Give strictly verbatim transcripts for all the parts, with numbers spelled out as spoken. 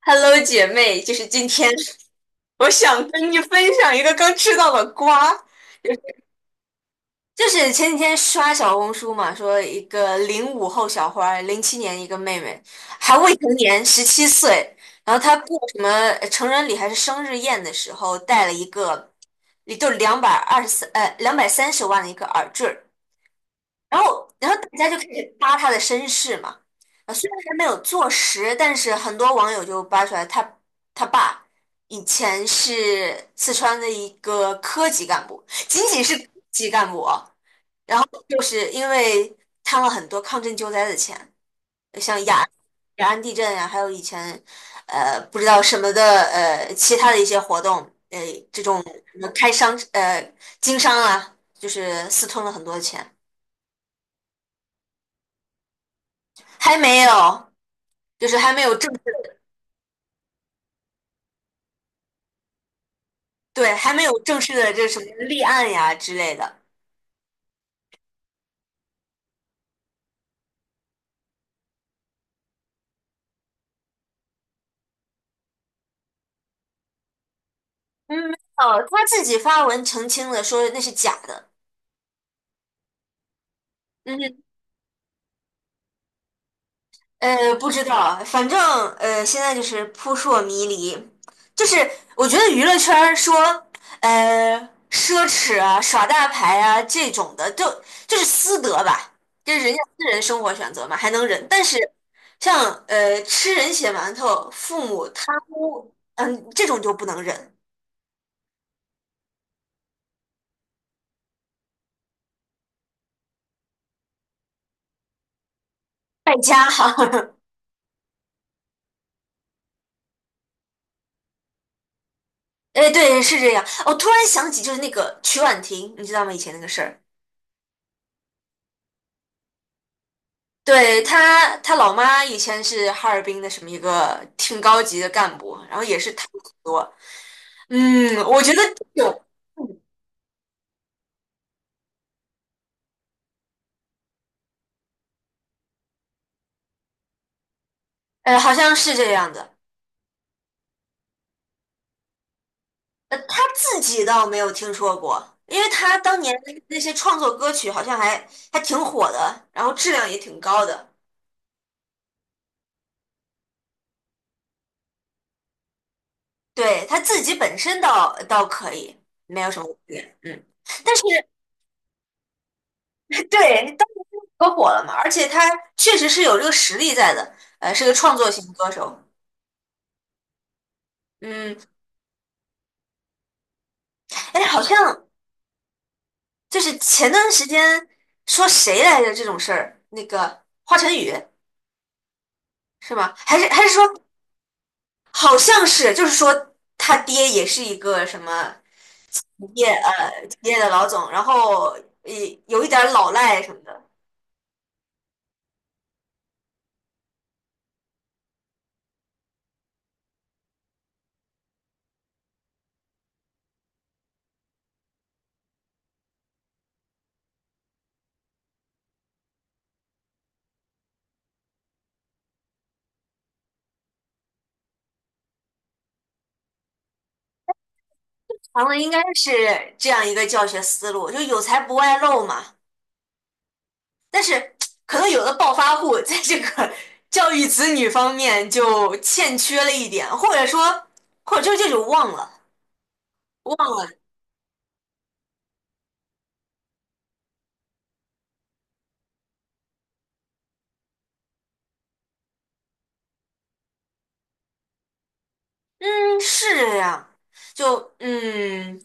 Hello，姐妹，就是今天，我想跟你分享一个刚吃到的瓜，就是前几天刷小红书嘛，说一个零五后小花儿，零七年一个妹妹，还未成年，十七岁，然后她过什么呃成人礼还是生日宴的时候，带了一个，也就两百二十三，呃，两百三十万的一个耳坠儿，然后，然后大家就开始扒他的身世嘛。啊，虽然还没有坐实，但是很多网友就扒出来他他爸以前是四川的一个科级干部，仅仅是科级干部哦，就是因为贪了很多抗震救灾的钱，像雅安雅安地震呀、还有以前呃不知道什么的呃其他的一些活动，呃这种什么开商呃经商啊，就是私吞了很多钱，还没有。就是还没有正式，对，还没有正式的这什么立案呀之类的。嗯，没有，他自己发文澄清了，说那是假的。嗯，呃，不知道，反正呃，现在就是扑朔迷离。就是我觉得娱乐圈儿说，呃，奢侈啊、耍大牌啊这种的，就就是私德吧，就是人家私人生活选择嘛，还能忍。但是像呃吃人血馒头、父母贪污，嗯，这种就不能忍。败家哈，哎，对，是这样。我突然想起，就是那个曲婉婷，你知道吗？以前那个事儿，对，她，她老妈以前是哈尔滨的什么一个挺高级的干部，然后也是贪很多。嗯，我觉得有，种，呃好像是这样的。呃，她自己倒没有听说过，因为她当年那些创作歌曲好像还还挺火的，然后质量也挺高的。对，她自己本身倒倒可以，没有什么问题。嗯。但是对，你当时可火了嘛，而且他确实是有这个实力在的，呃，是个创作型歌手。嗯，哎，好像就是前段时间说谁来着这种事儿，那个华晨宇是吗？还是还是说好像是，就是说他爹也是一个什么企业呃企业的老总，然后也有一点儿老赖什么的。咱们应该是这样一个教学思路，就有才不外露嘛。但是可能有的暴发户在这个 教育子女方面就欠缺了一点，或者说，或者就这种忘了，忘了是这样，就嗯，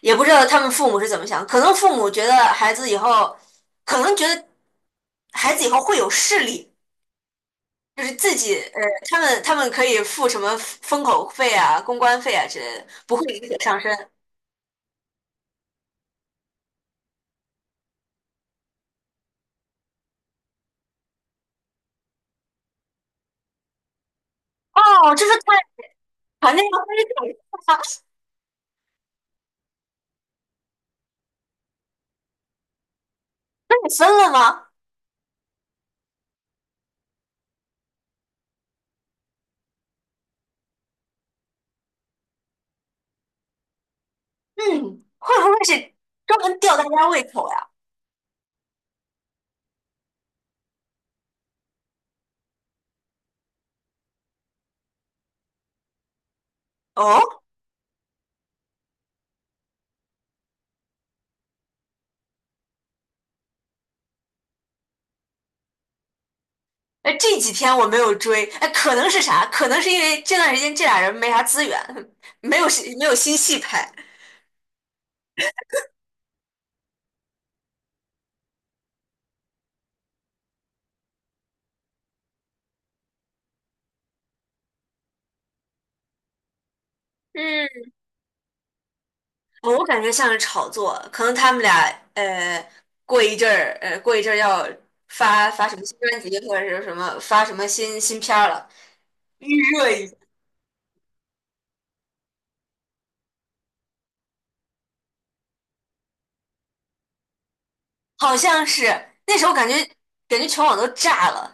也不知道他们父母是怎么想，可能父母觉得孩子以后，可能觉得孩子以后会有势力，就是自己呃，他们他们可以付什么封口费啊、公关费啊之类的，不会流水上身。哦，这是看团那个分手，那你分了吗？嗯，会不会是专门吊大家胃口呀？哦，哎，这几天我没有追，哎，可能是啥？可能是因为这段时间这俩人没啥资源，没有戏没有新戏拍。嗯，我感觉像是炒作，可能他们俩呃过一阵儿呃过一阵儿要发发什么新专辑或者是什么发什么新新片儿了，预热一下。好像是那时候感觉感觉全网都炸了。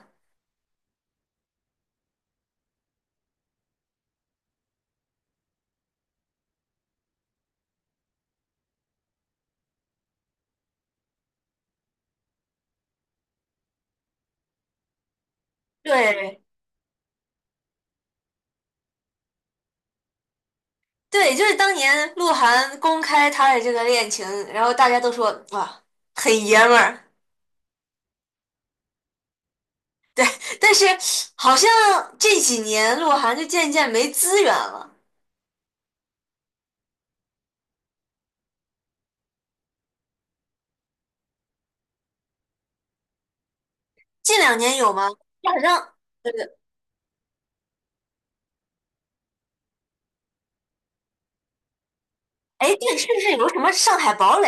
对，对，就是当年鹿晗公开他的这个恋情，然后大家都说哇，很爷们儿。对，但是好像这几年鹿晗就渐渐没资源了。近两年有吗？就好像，对对，哎，对，是不是有什么《上海堡垒》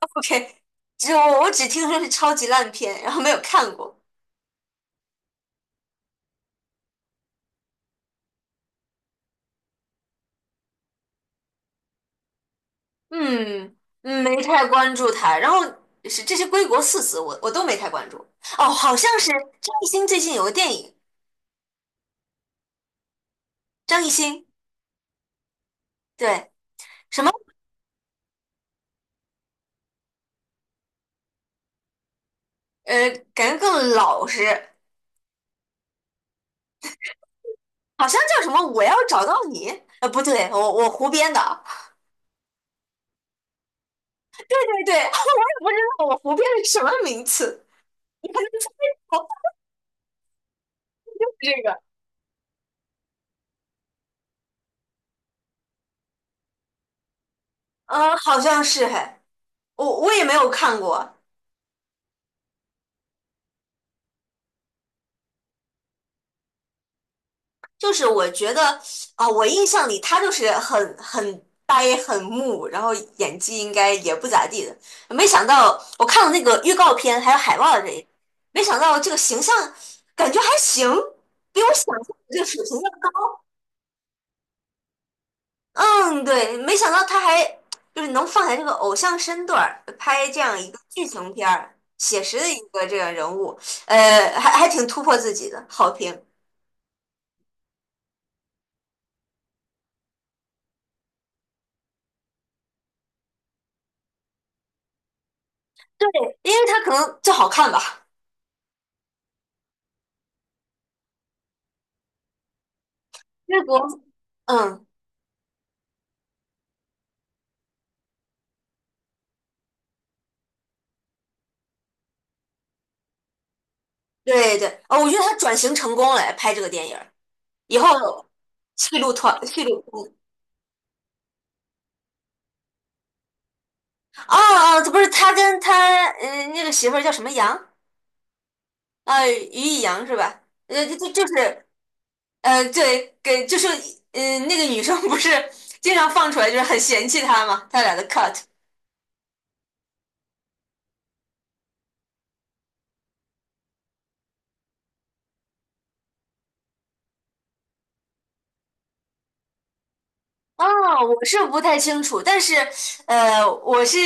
？OK，只我我只听说是超级烂片，然后没有看过。嗯，嗯没太关注他。然后是这些归国四子，我我都没太关注。哦，好像是张艺兴最近有个电影，张艺兴对。什么？呃，感觉更老实，好像叫什么"我要找到你"？呃，不对，我我胡编的，对对对，我也不知道我胡编的是什么名词，你还能猜到这个？嗯，好像是嘿，我我也没有看过，就是我觉得啊，我印象里他就是很很呆很木，然后演技应该也不咋地的，没想到我看了那个预告片还有海报的这一，没想到这个形象感觉还行，比我想象的这个水平要高。嗯，对，没想到他还就是能放下这个偶像身段儿，拍这样一个剧情片儿，写实的一个这个人物，呃，还还挺突破自己的，好评，因为他可能就好看吧。因国，嗯，对对，哦，我觉得他转型成功了，拍这个电影儿以后戏路团戏路通。哦哦，这不是他跟他嗯、呃那个媳妇儿叫什么杨啊、于一杨是吧？呃，就就就是呃，对，给就是，嗯、那个女生不是 经常放出来，就是很嫌弃他嘛，他俩的 cut。哦，我是不太清楚，但是，呃，我是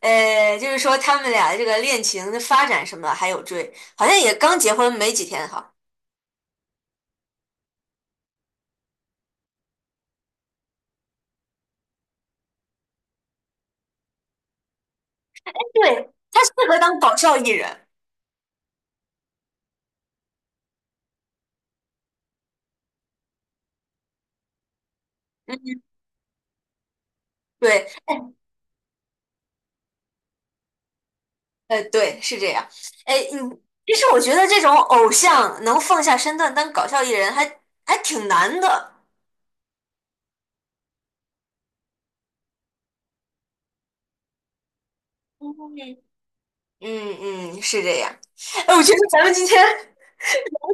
呃，就是说他们俩的这个恋情的发展什么的还有追，好像也刚结婚没几天哈。对，他适合当搞笑艺人。嗯，对，呃，对，是这样。哎，嗯，其实我觉得这种偶像能放下身段当搞笑艺人还还挺难的。嗯嗯嗯，是这样。哎，我觉得咱们今天聊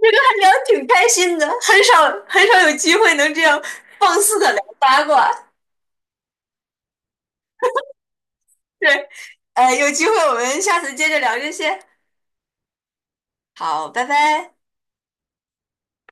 这个还聊得挺开心的，很少很少有机会能这样放肆的聊八卦。对，呃，有机会我们下次接着聊这些。好，拜拜。